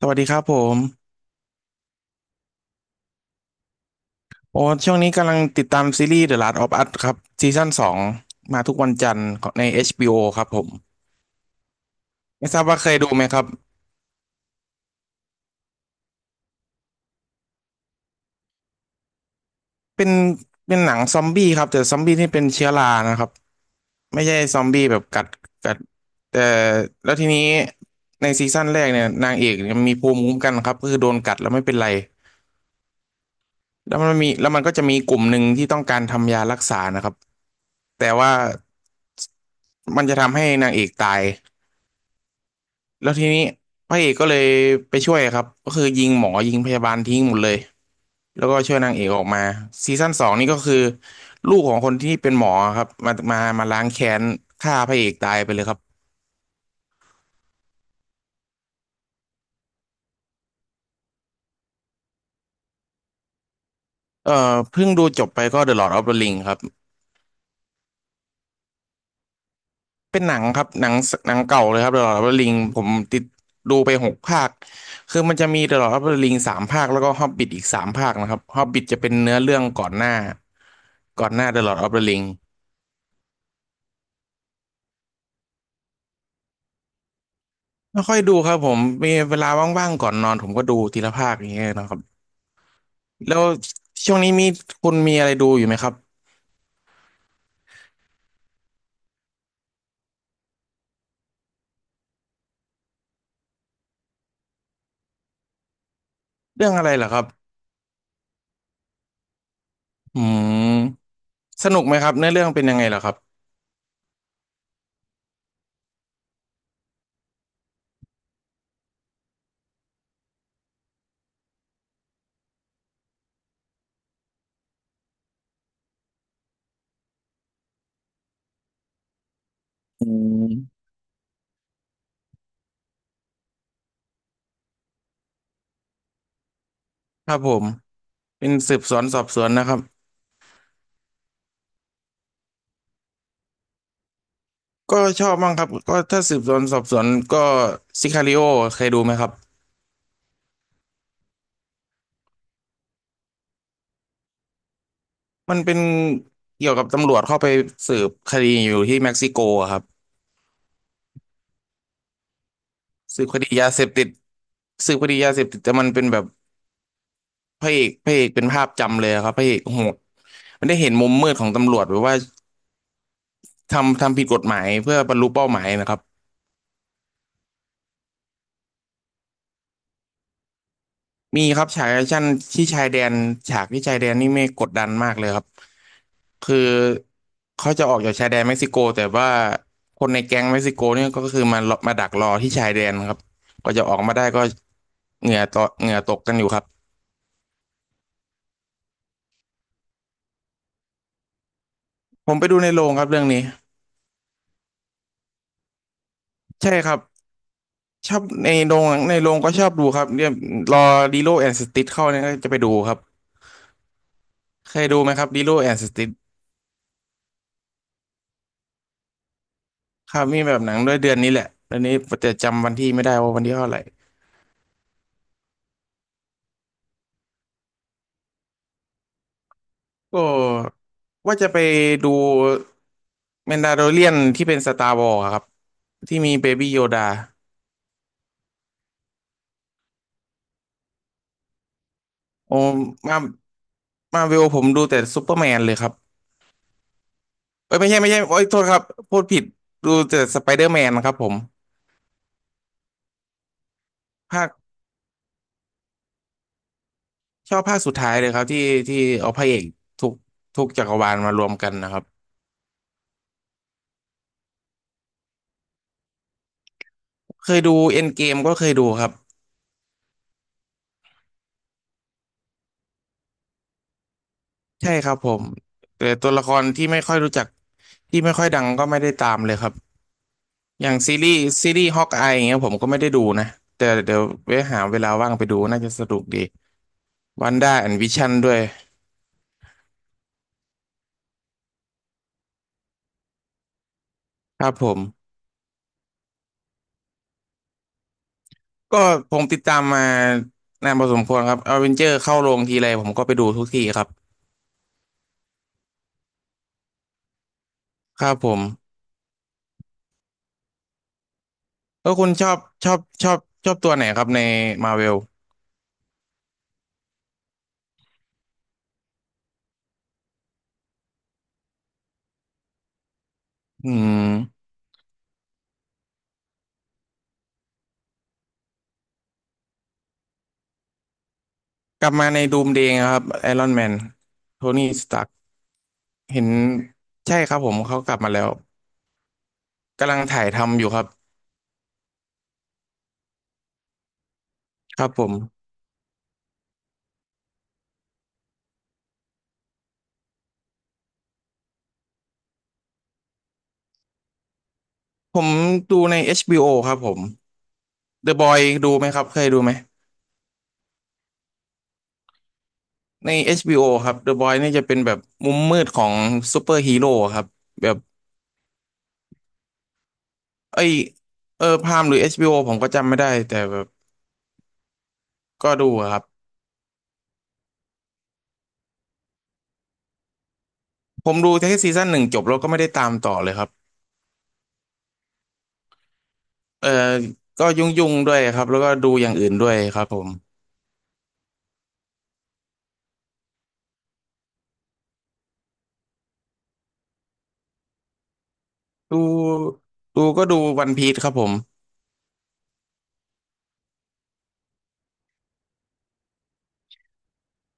สวัสดีครับผมโอ้ช่วงนี้กำลังติดตามซีรีส์ The Last of Us ครับซีซั่นสองมาทุกวันจันทร์ใน HBO ครับผมไม่ทราบว่าเคยดูไหมครับเป็นเป็นหนังซอมบี้ครับแต่ซอมบี้ที่เป็นเชื้อรานะครับไม่ใช่ซอมบี้แบบกัดกัดแต่แล้วทีนี้ในซีซั่นแรกเนี่ยนางเอกเนี่ยมีภูมิคุ้มกันครับก็คือโดนกัดแล้วไม่เป็นไรแล้วมันก็จะมีกลุ่มหนึ่งที่ต้องการทำยารักษานะครับแต่ว่ามันจะทำให้นางเอกตาย แล้วทีนี้พระเอกก็เลยไปช่วยครับก็คือยิงหมอยิงพยาบาลทิ้งหมดเลยแล้วก็ช่วยนางเอกออกมาซีซั่นสองนี่ก็คือลูกของคนที่เป็นหมอครับมาล้างแค้นฆ่าพระเอกตายไปเลยครับเพิ่งดูจบไปก็ The Lord of the Ring ครับเป็นหนังครับหนังเก่าเลยครับ The Lord of the Ring ผมติดดูไปหกภาคคือมันจะมี The Lord of the Ring สามภาคแล้วก็ Hobbit อีกสามภาคนะครับ Hobbit จะเป็นเนื้อเรื่องก่อนหน้าก่อนหน้า The Lord of the Ring ไม่ค่อยดูครับผมมีเวลาว่างๆก่อนนอนผมก็ดูทีละภาคอย่างเงี้ยนะครับแล้วช่วงนี้มีคุณมีอะไรดูอยู่ไหมครับเรื่องอะไรเหรอครับอืมสนุกไหมครับเนื้อเรื่องเป็นยังไงเหรอครับอืมครับผมเป็นสืบสวนสอบสวนนะครับก็ชอบบ้างครับก็ถ้าสืบสวนสอบสวนก็ซิคาริโอเคยดูไหมครับมันเป็นเกี่ยวกับตำรวจเข้าไปสืบคดีอยู่ที่เม็กซิโกอะครับสืบคดียาเสพติดสืบคดียาเสพติดแต่มันเป็นแบบ พระเอกเป็นภาพจำเลยครับพระเอกโหดมันได้เห็นมุมมืดของตำรวจรืว่าทำผิดกฎหมายเพื่อบรรลุเป้าหมายนะครับมีครับฉากแอคชั่นที่ชายแดนฉากที่ชายแดนนี่ไม่กดดันมากเลยครับคือเขาจะออกจากชายแดนเม็กซิโกแต่ว่าคนในแก๊งเม็กซิโกเนี่ยก็คือมาดักรอที่ชายแดนครับกว่าจะออกมาได้ก็เหงื่อตกเหงื่อตกกันอยู่ครับผมไปดูในโรงครับเรื่องนี้ใช่ครับชอบในโรงในโรงก็ชอบดูครับเนี่ยรอดีโลแอนด์สติทเข้าเนี่ยก็จะไปดูครับ เคยดูไหมครับ Lilo and Stitch ครับมีแบบหนังด้วยเดือนนี้แหละตอนนี้แต่จำวันที่ไม่ได้ว่าวันที่เท่าไหร่ก็ว่าจะไปดูแมนดาโ o เรียนที่เป็นสตาร์วอร์ครับที่มีเบบี้โยดาโอ้มามาเวลผมดูแต่ซูเปอร์แมนเลยครับเอ้ยไม่ใช่ไม่ใช่โอ้ยโทษครับพูดผิดดูแต่สไปเดอร์แมนครับผมภาคชอบภาคสุดท้ายเลยครับที่ที่เอาพระเอกทุกทุกจักรวาลมารวมกันนะครับเคยดูเอ็นเกมก็เคยดูครับ ใช่ครับผมแต่ตัวละครที่ไม่ค่อยรู้จักที่ไม่ค่อยดังก็ไม่ได้ตามเลยครับอย่างซีรีส์ฮอกอายอย่างเงี้ยผมก็ไม่ได้ดูนะแต่เดี๋ยวไว้หาเวลาว่างไปดูน่าจะสนุกดีวันด้าแอนด์วิชั่นด้วยครับก็ผมติดตามมานานพอสมควรครับอเวนเจอร์เข้าโรงทีไรผมก็ไปดูทุกทีครับครับผมแล้วคุณชอบชอบชอบตัวไหนครับในมาเวลอืมกลับมาในดูมเดย์ครับไอรอนแมนโทนี่สตาร์ เห็นใช่ครับผมเขากลับมาแล้วกำลังถ่ายทำอยู่ครับครับผมดูใน HBO ครับผม The Boy ดูไหมครับเคยดูไหมใน HBO ครับ The Boy นี่จะเป็นแบบมุมมืดของซูเปอร์ฮีโร่ครับแบบเอ้ยเออพามหรือ HBO ผมก็จำไม่ได้แต่แบบก็ดูอะครับผมดูแค่ซีซั่นหนึ่งจบแล้วก็ไม่ได้ตามต่อเลยครับเออก็ยุ่งๆด้วยครับแล้วก็ดูอย่างอื่นด้วยครับผมดูก็ดูวันพี e ครับผม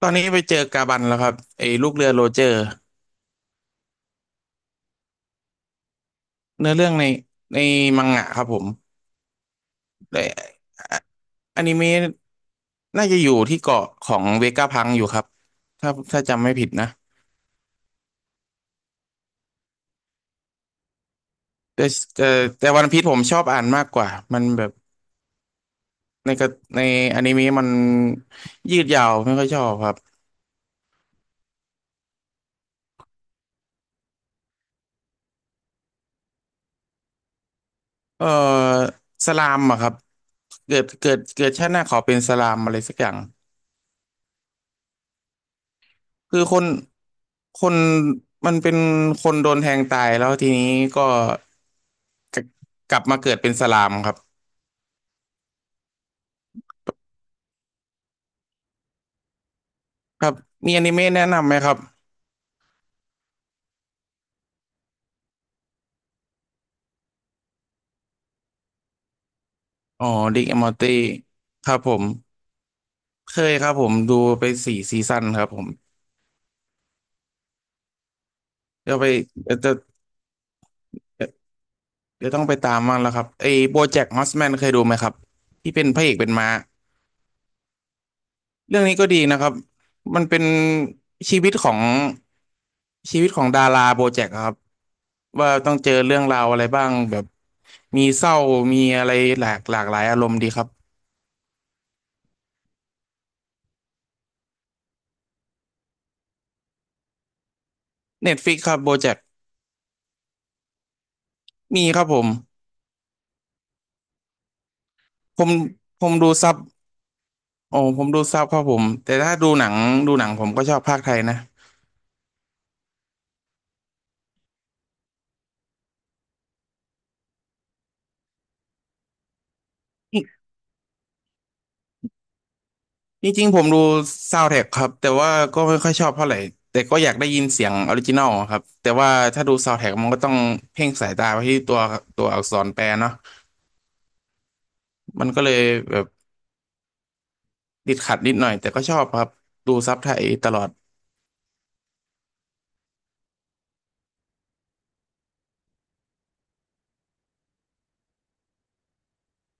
ตอนนี้ไปเจอกาบันแล้วครับไอ้ลูกเรือโรเจอร์เนื้อเรื่องในมังงะครับผมแต่ออนิเมะน่าจะอยู่ที่เกาะของเวก้าพังอยู่ครับถ้าจำไม่ผิดนะแต่แต่แต่วันพีซผมชอบอ่านมากกว่ามันแบบในกระในอนิเมะมันยืดยาวไม่ค่อยชอบครับเออสลามอะครับเกิดชาติหน้าขอเป็นสลามอะไรสักอย่างคือคนมันเป็นคนโดนแทงตายแล้วทีนี้ก็ จะกลับมาเกิดเป็นสลามครับครับมีอนิเมะแนะนำไหมครับอ๋อริกแอนมอร์ตี้ครับผมเคยครับผมดูไป4ซีซั่นครับผมเดี๋ยวไปเดี๋ยวจะเดี๋ยวต้องไปตามบ้างแล้วครับไอ้โบแจ็คฮอสแมนเคยดูไหมครับที่เป็นพระเอกเป็นม้าเรื่องนี้ก็ดีนะครับมันเป็นชีวิตของชีวิตของดาราโบแจ็คครับว่าต้องเจอเรื่องราวอะไรบ้างแบบมีเศร้ามีอะไรหลายอารมณ์ดีครับเน็ตฟิกครับโบแจ็ค มีครับผมผมผมดูซับโอ้ผมดูซับครับผมแต่ถ้าดูหนังดูหนังผมก็ชอบภาคไทยนะจริงจริงๆผมดูซาวด์แทร็กครับแต่ว่าก็ไม่ค่อยชอบเท่าไหร่ แต่ก็อยากได้ยินเสียงออริจินอลครับแต่ว่าถ้าดูซาวด์แทร็กมันก็ต้องเพ่งสายตาไปที่ตัวอักษรแปลเนาะมันก็เลยแบบติดขัดนิดหน่อยแต่ก็ชอบครับดูซับไทยตลอด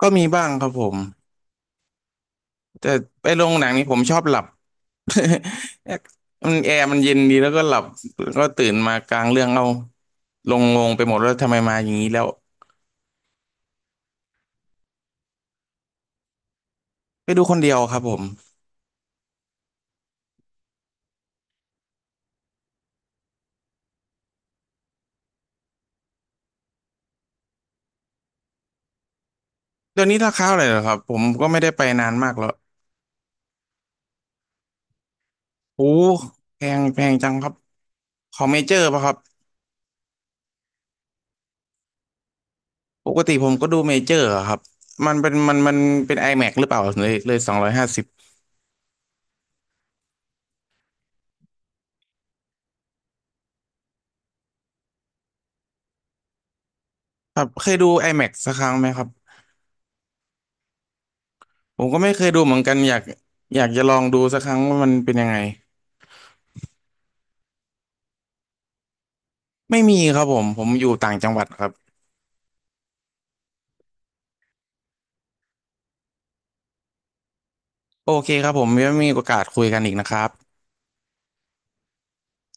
ก็มีบ้างครับผมแต่ไปโรงหนังนี่ผมชอบหลับ มันแอร์มันเย็นดีแล้วก็หลับก็ตื่นมากลางเรื่องเอาลงงงไปหมดแล้วาทำไมมาอย่างนี้แล้วไปดูคนเดียวครับผมเดี๋ยวนี้ราคาเท่ไรเหรอครับผมก็ไม่ได้ไปนานมากแล้วโอ้แพงแพงจังครับของเมเจอร์ป่ะครับปกติผมก็ดูเมเจอร์อะครับมันเป็นมันเป็น iMac หรือเปล่าเลย250ครับเคยดู iMac สักครั้งไหมครับผมก็ไม่เคยดูเหมือนกันอยากจะลองดูสักครั้งว่ามันเป็นยังไงไม่มีครับผมอยู่ต่างจังหวัดครับ โอเคครับผมยังมีโอกาสคุยกันอีกนะครับ